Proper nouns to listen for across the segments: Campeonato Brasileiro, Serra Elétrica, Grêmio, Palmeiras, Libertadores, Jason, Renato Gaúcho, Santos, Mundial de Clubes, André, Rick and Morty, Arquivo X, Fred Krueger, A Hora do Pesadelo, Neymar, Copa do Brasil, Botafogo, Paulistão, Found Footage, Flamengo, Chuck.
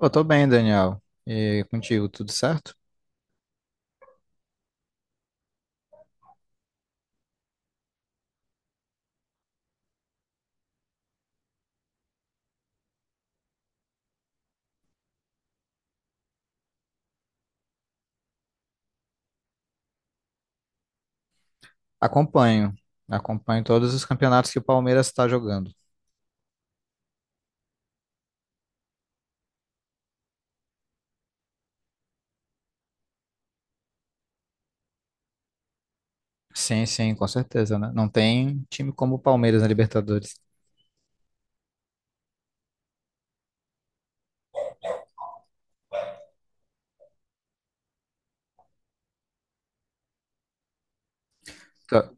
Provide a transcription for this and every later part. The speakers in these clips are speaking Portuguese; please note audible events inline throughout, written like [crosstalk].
Eu tô bem, Daniel. E contigo, tudo certo? Acompanho. Acompanho todos os campeonatos que o Palmeiras está jogando. Sim, sim, com certeza, né? Não tem time como o Palmeiras na Libertadores. Tá-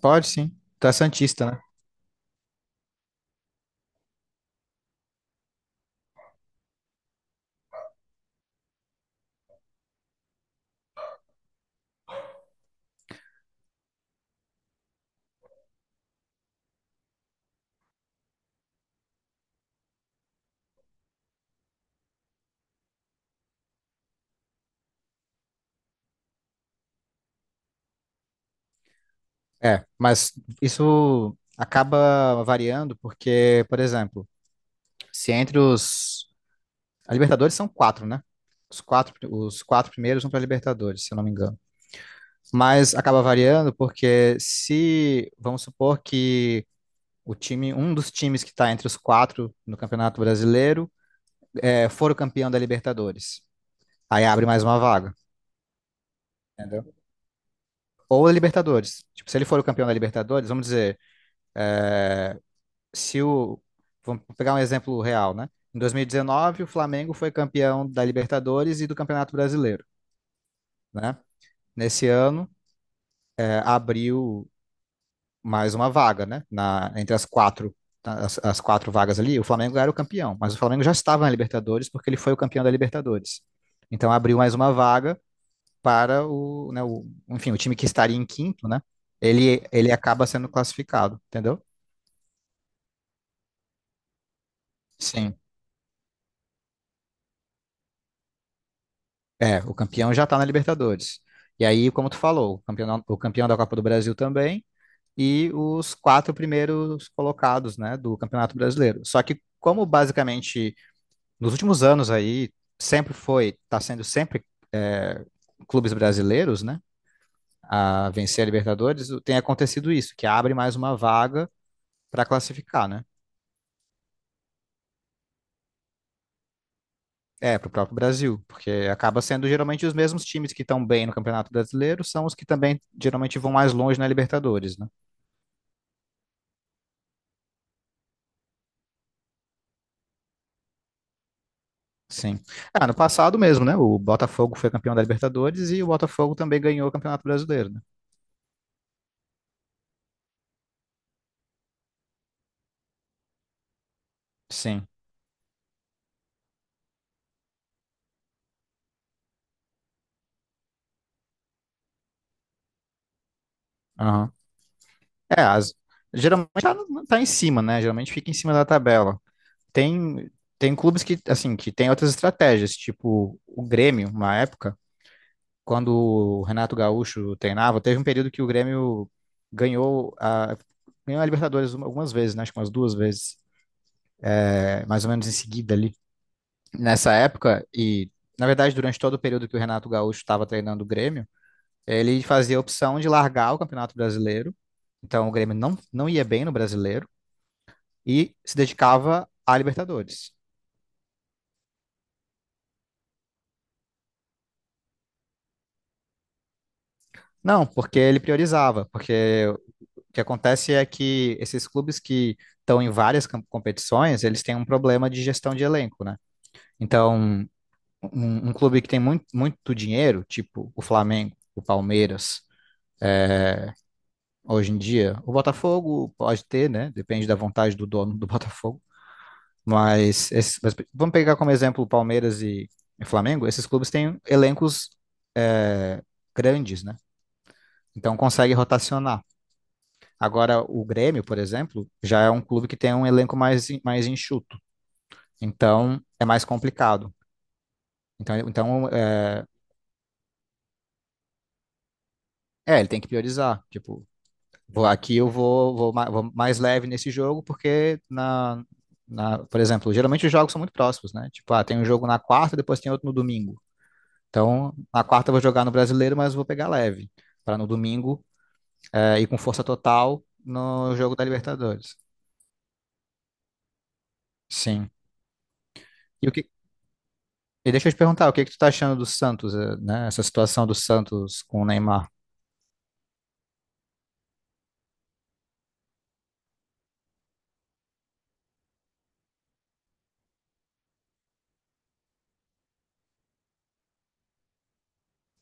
Pode sim. Tu é santista, né? É, mas isso acaba variando porque, por exemplo, se entre os... A Libertadores são quatro, né? Os quatro primeiros vão para a Libertadores, se eu não me engano. Mas acaba variando porque se, vamos supor que o time, um dos times que está entre os quatro no Campeonato Brasileiro, for o campeão da Libertadores. Aí abre mais uma vaga, entendeu? Ou a Libertadores. Tipo, se ele for o campeão da Libertadores, vamos dizer, é, se o. Vamos pegar um exemplo real, né? Em 2019, o Flamengo foi campeão da Libertadores e do Campeonato Brasileiro, né? Nesse ano, abriu mais uma vaga, né? Na, entre as quatro, as quatro vagas ali, o Flamengo era o campeão, mas o Flamengo já estava na Libertadores porque ele foi o campeão da Libertadores. Então abriu mais uma vaga para o, né, o, enfim, o time que estaria em quinto, né? Ele acaba sendo classificado, entendeu? Sim. É, o campeão já está na Libertadores. E aí, como tu falou, o campeão da Copa do Brasil também e os quatro primeiros colocados, né, do Campeonato Brasileiro. Só que como basicamente nos últimos anos aí, sempre foi, tá sendo sempre é, clubes brasileiros, né, a vencer a Libertadores, tem acontecido isso, que abre mais uma vaga para classificar, né? É, para o próprio Brasil, porque acaba sendo geralmente os mesmos times que estão bem no Campeonato Brasileiro são os que também geralmente vão mais longe na Libertadores, né? Sim. Ah, no passado mesmo, né? O Botafogo foi campeão da Libertadores e o Botafogo também ganhou o Campeonato Brasileiro, né? Sim. Aham. É, as- geralmente tá, tá em cima, né? Geralmente fica em cima da tabela. Tem, tem clubes que, assim, que tem outras estratégias, tipo o Grêmio, uma época, quando o Renato Gaúcho treinava, teve um período que o Grêmio ganhou a, ganhou a Libertadores algumas vezes, né? Acho que umas duas vezes, mais ou menos em seguida ali. Nessa época, e na verdade, durante todo o período que o Renato Gaúcho estava treinando o Grêmio, ele fazia a opção de largar o Campeonato Brasileiro. Então o Grêmio não ia bem no Brasileiro e se dedicava à Libertadores. Não, porque ele priorizava, porque o que acontece é que esses clubes que estão em competições, eles têm um problema de gestão de elenco, né? Então, um clube que tem muito, muito dinheiro, tipo o Flamengo, o Palmeiras, hoje em dia, o Botafogo pode ter, né? Depende da vontade do dono do [laughs] Botafogo. Mas, mas vamos pegar como exemplo o Palmeiras e Flamengo. Esses clubes têm elencos é, grandes, né? Então consegue rotacionar. Agora, o Grêmio, por exemplo, já é um clube que tem um elenco mais, mais enxuto. Então, é mais complicado. Então, ele tem que priorizar. Tipo, vou, aqui eu vou, vou, ma- vou mais leve nesse jogo, porque por exemplo, geralmente os jogos são muito próximos, né? Tipo, ah, tem um jogo na quarta, depois tem outro no domingo. Então, na quarta eu vou jogar no brasileiro, mas vou pegar leve. Para no domingo, ir com força total no jogo da Libertadores. Sim. E o que, e deixa eu te perguntar, o que que tu tá achando do Santos, né? Essa situação do Santos com o Neymar.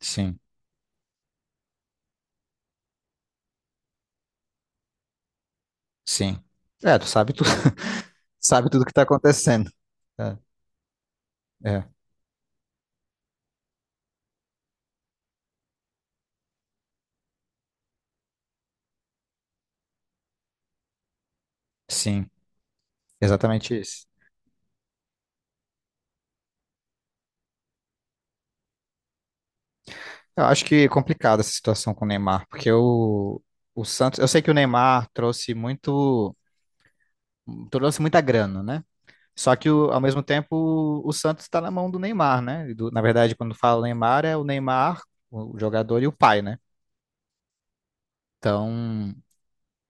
Sim. Sim. É, tu sabe tudo, [laughs] sabe tudo que tá acontecendo. É, é, sim, exatamente isso. Eu acho que é complicada essa situação com o Neymar, porque o Santos, eu sei que o Neymar trouxe muito, trouxe muita grana, né? Só que ao mesmo tempo o Santos está na mão do Neymar, né? Na verdade, quando fala Neymar, é o Neymar, o jogador e o pai, né? Então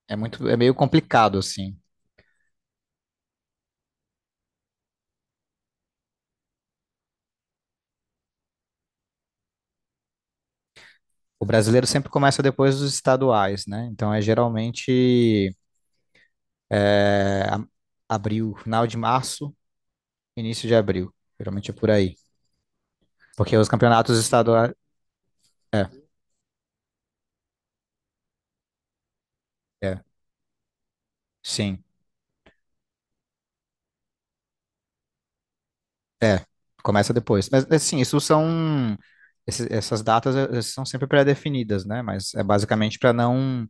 é muito, é meio complicado assim. O brasileiro sempre começa depois dos estaduais, né? Então é geralmente É, a- abril, final de março, início de abril. Geralmente é por aí. Porque os campeonatos estaduais. É, é, sim. É, começa depois. Mas, assim, isso são. Essas datas são sempre pré-definidas, né? Mas é basicamente para não,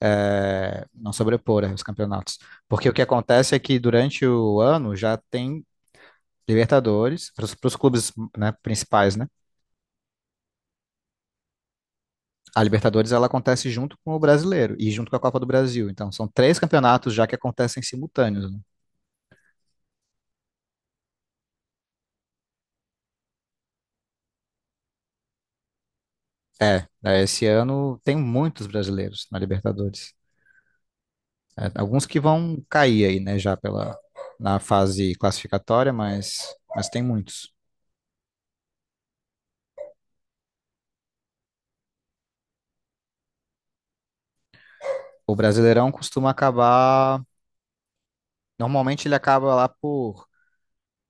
não sobrepor os campeonatos. Porque o que acontece é que durante o ano já tem Libertadores, para os clubes, né, principais, né? A Libertadores ela acontece junto com o Brasileiro e junto com a Copa do Brasil. Então, são três campeonatos já que acontecem simultâneos. Né? É, né, esse ano tem muitos brasileiros na Libertadores. É, alguns que vão cair aí, né, já pela, na fase classificatória, mas tem muitos. O Brasileirão costuma acabar. Normalmente ele acaba lá por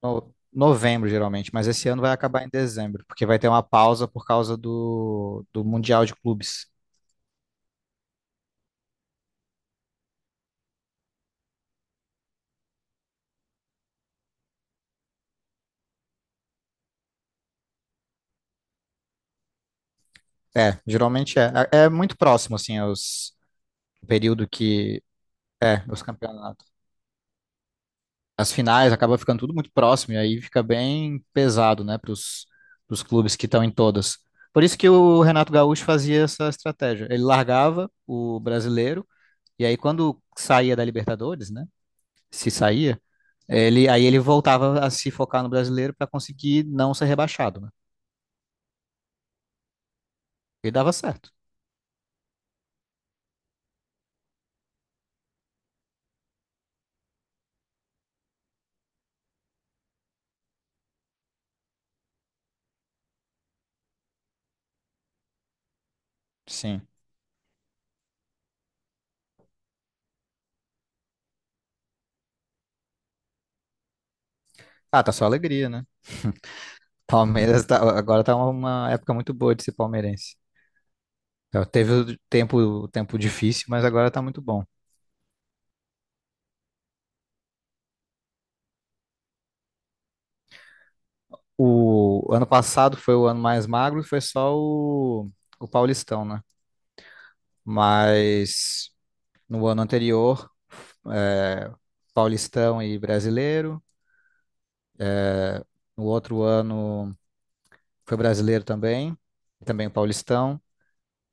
novembro, geralmente, mas esse ano vai acabar em dezembro, porque vai ter uma pausa por causa do Mundial de Clubes. É, geralmente é. É muito próximo, assim, os, o período que. É, os campeonatos. As finais acaba ficando tudo muito próximo, e aí fica bem pesado, né, para os clubes que estão em todas. Por isso que o Renato Gaúcho fazia essa estratégia. Ele largava o brasileiro, e aí quando saía da Libertadores, né, se saía, aí ele voltava a se focar no brasileiro para conseguir não ser rebaixado, né? E dava certo. Sim. Ah, tá só alegria, né? Palmeiras tá, agora tá uma época muito boa de ser palmeirense. Então, teve o tempo difícil, mas agora tá muito bom. O ano passado foi o ano mais magro, foi só o Paulistão, né? Mas no ano anterior, é, Paulistão e Brasileiro. No outro ano foi Brasileiro também, e também o Paulistão.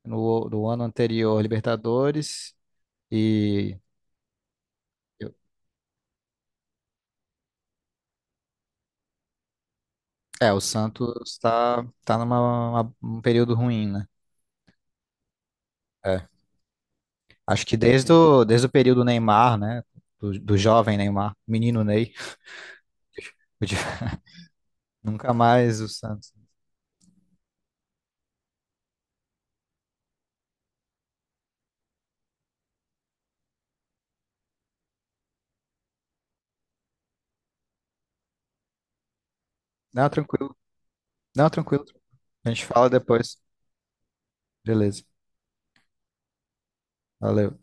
No ano anterior, Libertadores. E é, o Santos está tá tá numa um período ruim, né? É. Acho que desde desde o período Neymar, né? Do jovem Neymar, menino Ney, [laughs] nunca mais o Santos. Não, tranquilo. Não, tranquilo. A gente fala depois. Beleza. Valeu.